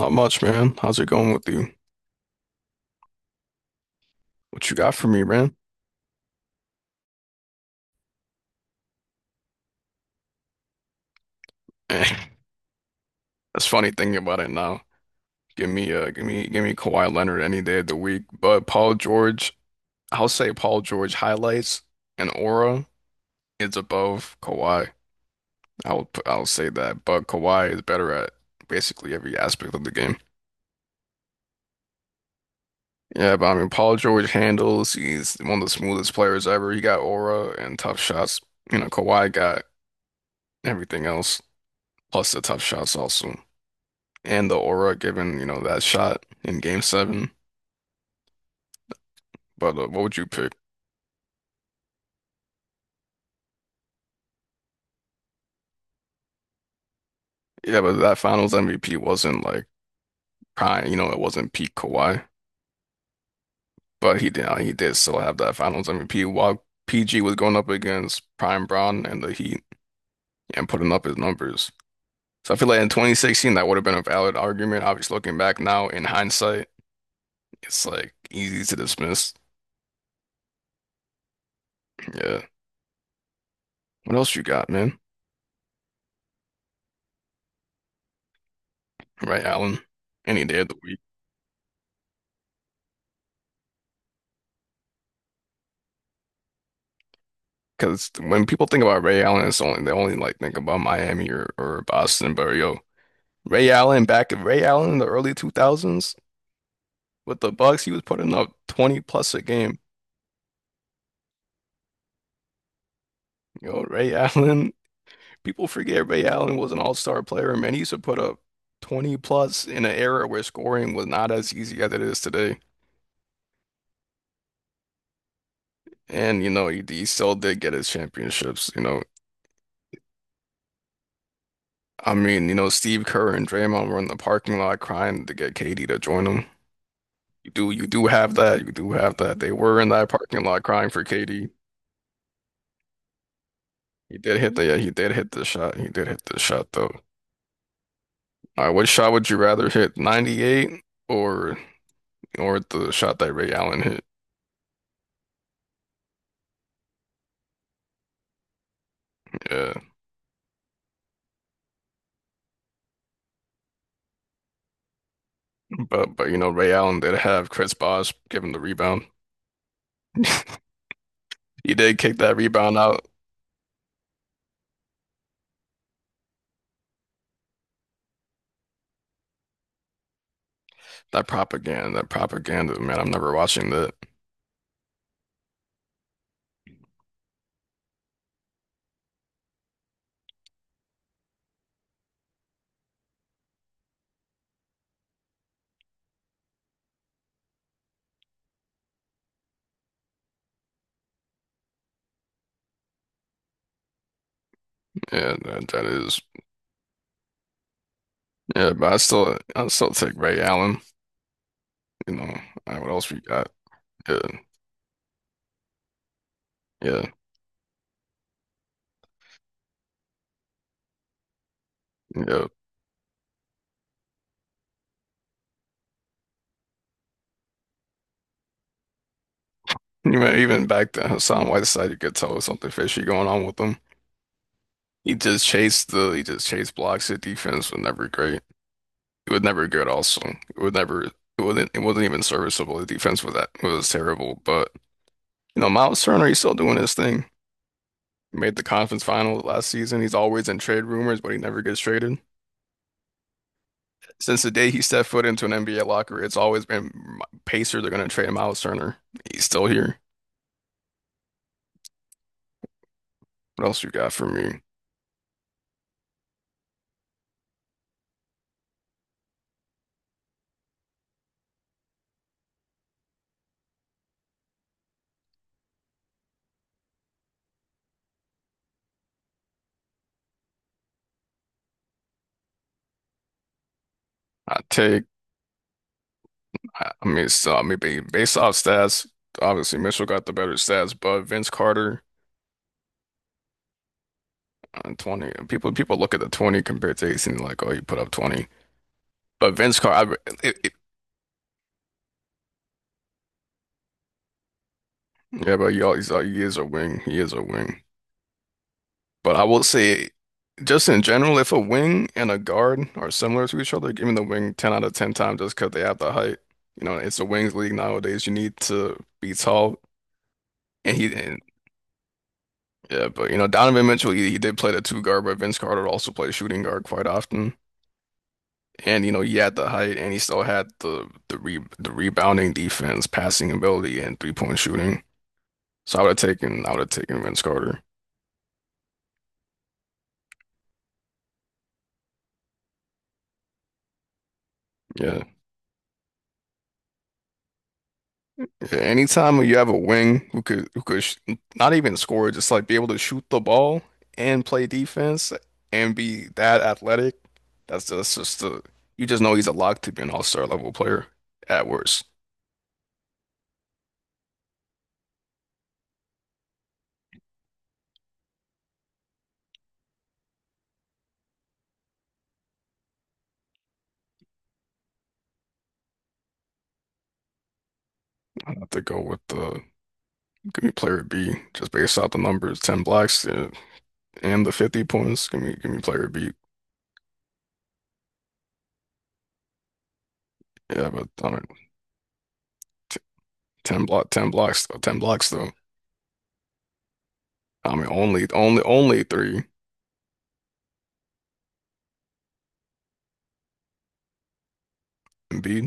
Not much, man. How's it going with you? What you got for me, man? That's funny thinking about it now. Give me give me give me Kawhi Leonard any day of the week. But Paul George, I'll say Paul George highlights and aura is above Kawhi. I will put I'll say that. But Kawhi is better at basically every aspect of the game. Yeah, but I mean Paul George handles, he's one of the smoothest players ever. He got aura and tough shots. You know, Kawhi got everything else, plus the tough shots also. And the aura given, that shot in game seven. But what would you pick? Yeah, but that finals MVP wasn't like prime, it wasn't peak Kawhi, but he did still have that finals MVP while PG was going up against prime Bron and the Heat and putting up his numbers. So I feel like in 2016 that would have been a valid argument. Obviously, looking back now in hindsight, it's like easy to dismiss. Yeah. What else you got, man? Right, Allen? Any day of the week. Because when people think about Ray Allen, it's only they only like think about Miami, or Boston. But yo, Ray Allen in the early 2000s with the Bucks, he was putting up 20 plus a game. Yo, Ray Allen, people forget Ray Allen was an all-star player, man. He used to put up 20 plus in an era where scoring was not as easy as it is today. And he still did get his championships. I mean, Steve Kerr and Draymond were in the parking lot crying to get KD to join them. You do have that. You do have that. They were in that parking lot crying for Katie. He did hit the yeah, he did hit the shot. He did hit the shot though. All right, what shot would you rather hit? 98 or the shot that Ray Allen hit? Yeah. But Ray Allen did have Chris Bosh give him the rebound. He did kick that rebound out. That propaganda, man, I'm never watching that. Yeah, that is. Yeah, but I still take Ray Allen, you know. All right, what else we got? Yeah, yeah, yeah. Even back then, Hassan Whiteside, you could tell there was something fishy going on with him. He just chased blocks. His defense was never great. It was never good. Also, it was never, it it wasn't even serviceable. The defense was That was terrible. But Miles Turner, he's still doing his thing. He made the conference final last season. He's always in trade rumors, but he never gets traded. Since the day he stepped foot into an NBA locker, it's always been Pacers are going to trade Miles Turner. He's still here. What else you got for me? I take. I mean, based off stats, obviously Mitchell got the better stats, but Vince Carter on 20, people look at the 20 compared to 18, like, oh, he put up 20. But Vince Carter, yeah, but he is a wing. He is a wing. But I will say, just in general, if a wing and a guard are similar to each other, giving the wing 10 out of 10 times just because they have the height. It's a wings league nowadays. You need to be tall. And he, and Yeah, but Donovan Mitchell, he did play the two guard, but Vince Carter also played shooting guard quite often. And he had the height, and he still had the rebounding defense, passing ability, and 3-point shooting. So I would have taken Vince Carter. Yeah. Anytime you have a wing who could sh not even score, just like be able to shoot the ball and play defense and be that athletic, that's just the you just know he's a lock to be an all-star level player at worst. I have to go with the Give me player B, just based off the numbers, 10 blocks and the 50 points. Give me player B. Yeah, but I mean, t 10 blocks, though, 10 blocks though. I mean, only, only, only three. Embiid.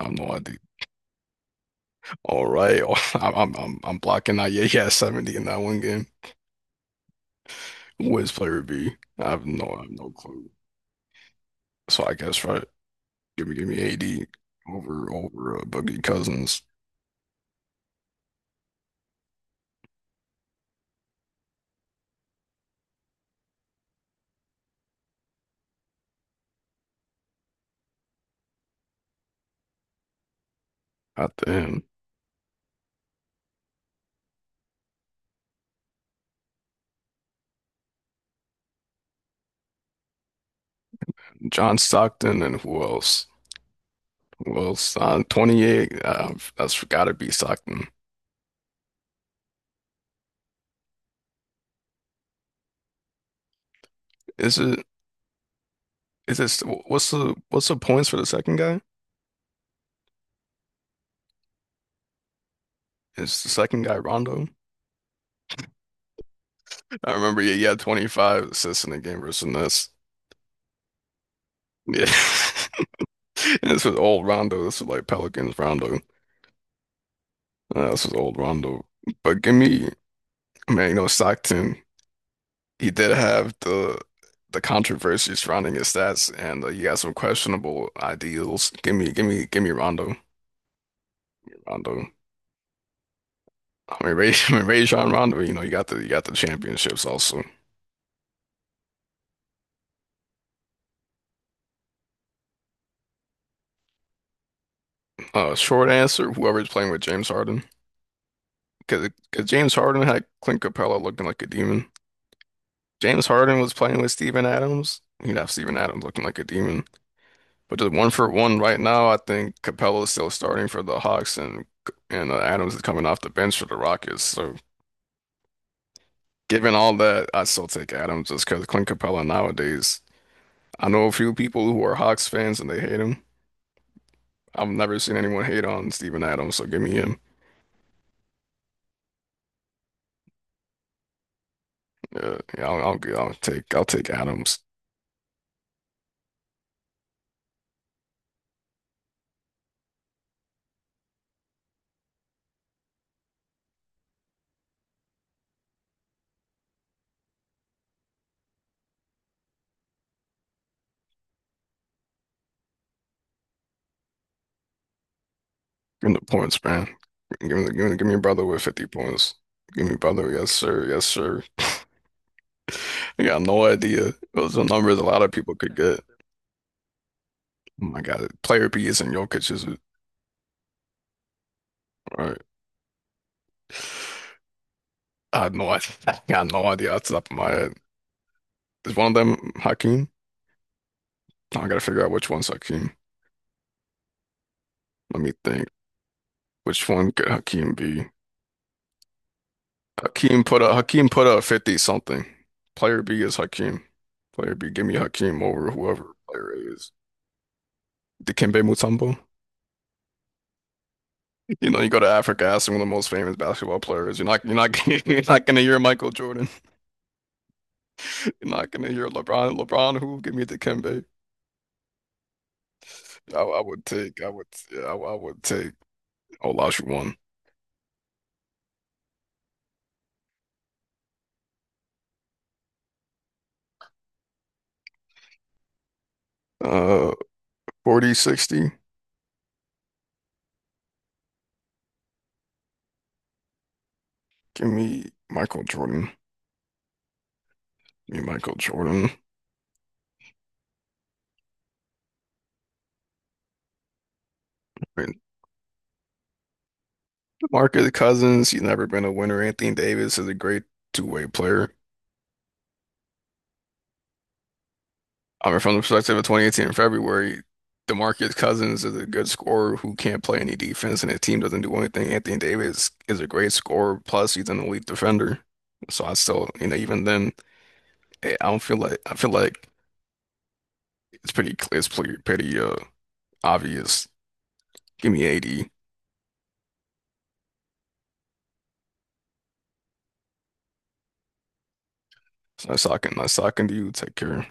I have no idea. All right, I'm blocking out. Yeah, yeah, 70 in that one game. Who is player B? I have no clue. So I guess right, give me AD over Boogie Cousins at the end. John Stockton and who else? Well, Son 28, that's gotta be Stockton. Is it? Is it? What's the points for the second guy? Is the second guy Rondo? I remember. Yeah, he had 25 assists in the game versus the Nets. Yeah, and this was old Rondo. This was like Pelicans Rondo. This was old Rondo. But give me, man, you know Stockton. He did have the controversy surrounding his stats, and he had some questionable ideals. Give me, give me, give me Rondo. Rondo. I mean, I mean, Rajon Rondo, you got the championships also. Short answer, whoever's playing with James Harden, because James Harden had Clint Capella looking like a demon. James Harden was playing with Steven Adams, you'd have Steven Adams looking like a demon. But just one for one right now, I think Capella is still starting for the Hawks, and Adams is coming off the bench for the Rockets. So given all that, I still take Adams just because Clint Capella nowadays. I know a few people who are Hawks fans and they hate him. I've never seen anyone hate on Steven Adams, so give me him. Yeah, yeah, I'll take Adams. Give him the points, man. Give me a brother with 50 points. Give me brother, yes sir, yes sir. I got no idea. Those are numbers a lot of people could get. Oh my God, player B isn't Jokic, is it? All right. I had no idea. I got no idea off the top of my head. Is one of them Hakeem? I gotta figure out which one's Hakeem. Let me think. Which one could Hakeem be? Hakeem put up 50 something. Player B is Hakeem. Player B, give me Hakeem over whoever player A is. Dikembe Mutombo. You go to Africa, ask one of the most famous basketball players. You're not You're not gonna hear Michael Jordan. You're not gonna hear LeBron. LeBron who? Give me Dikembe. I would take I would yeah, I would take Olajuwon. Uh 40-60. Give me Michael Jordan. Give me Michael Jordan. I Marcus Cousins, he's never been a winner. Anthony Davis is a great two-way player. I mean, from the perspective of 2018 in February, DeMarcus Cousins is a good scorer who can't play any defense, and his team doesn't do anything. Anthony Davis is a great scorer, plus he's an elite defender. So I still, even then, I don't feel like I feel like it's pretty clear, it's pretty, pretty obvious. Give me AD. It's nice talking to you. Take care.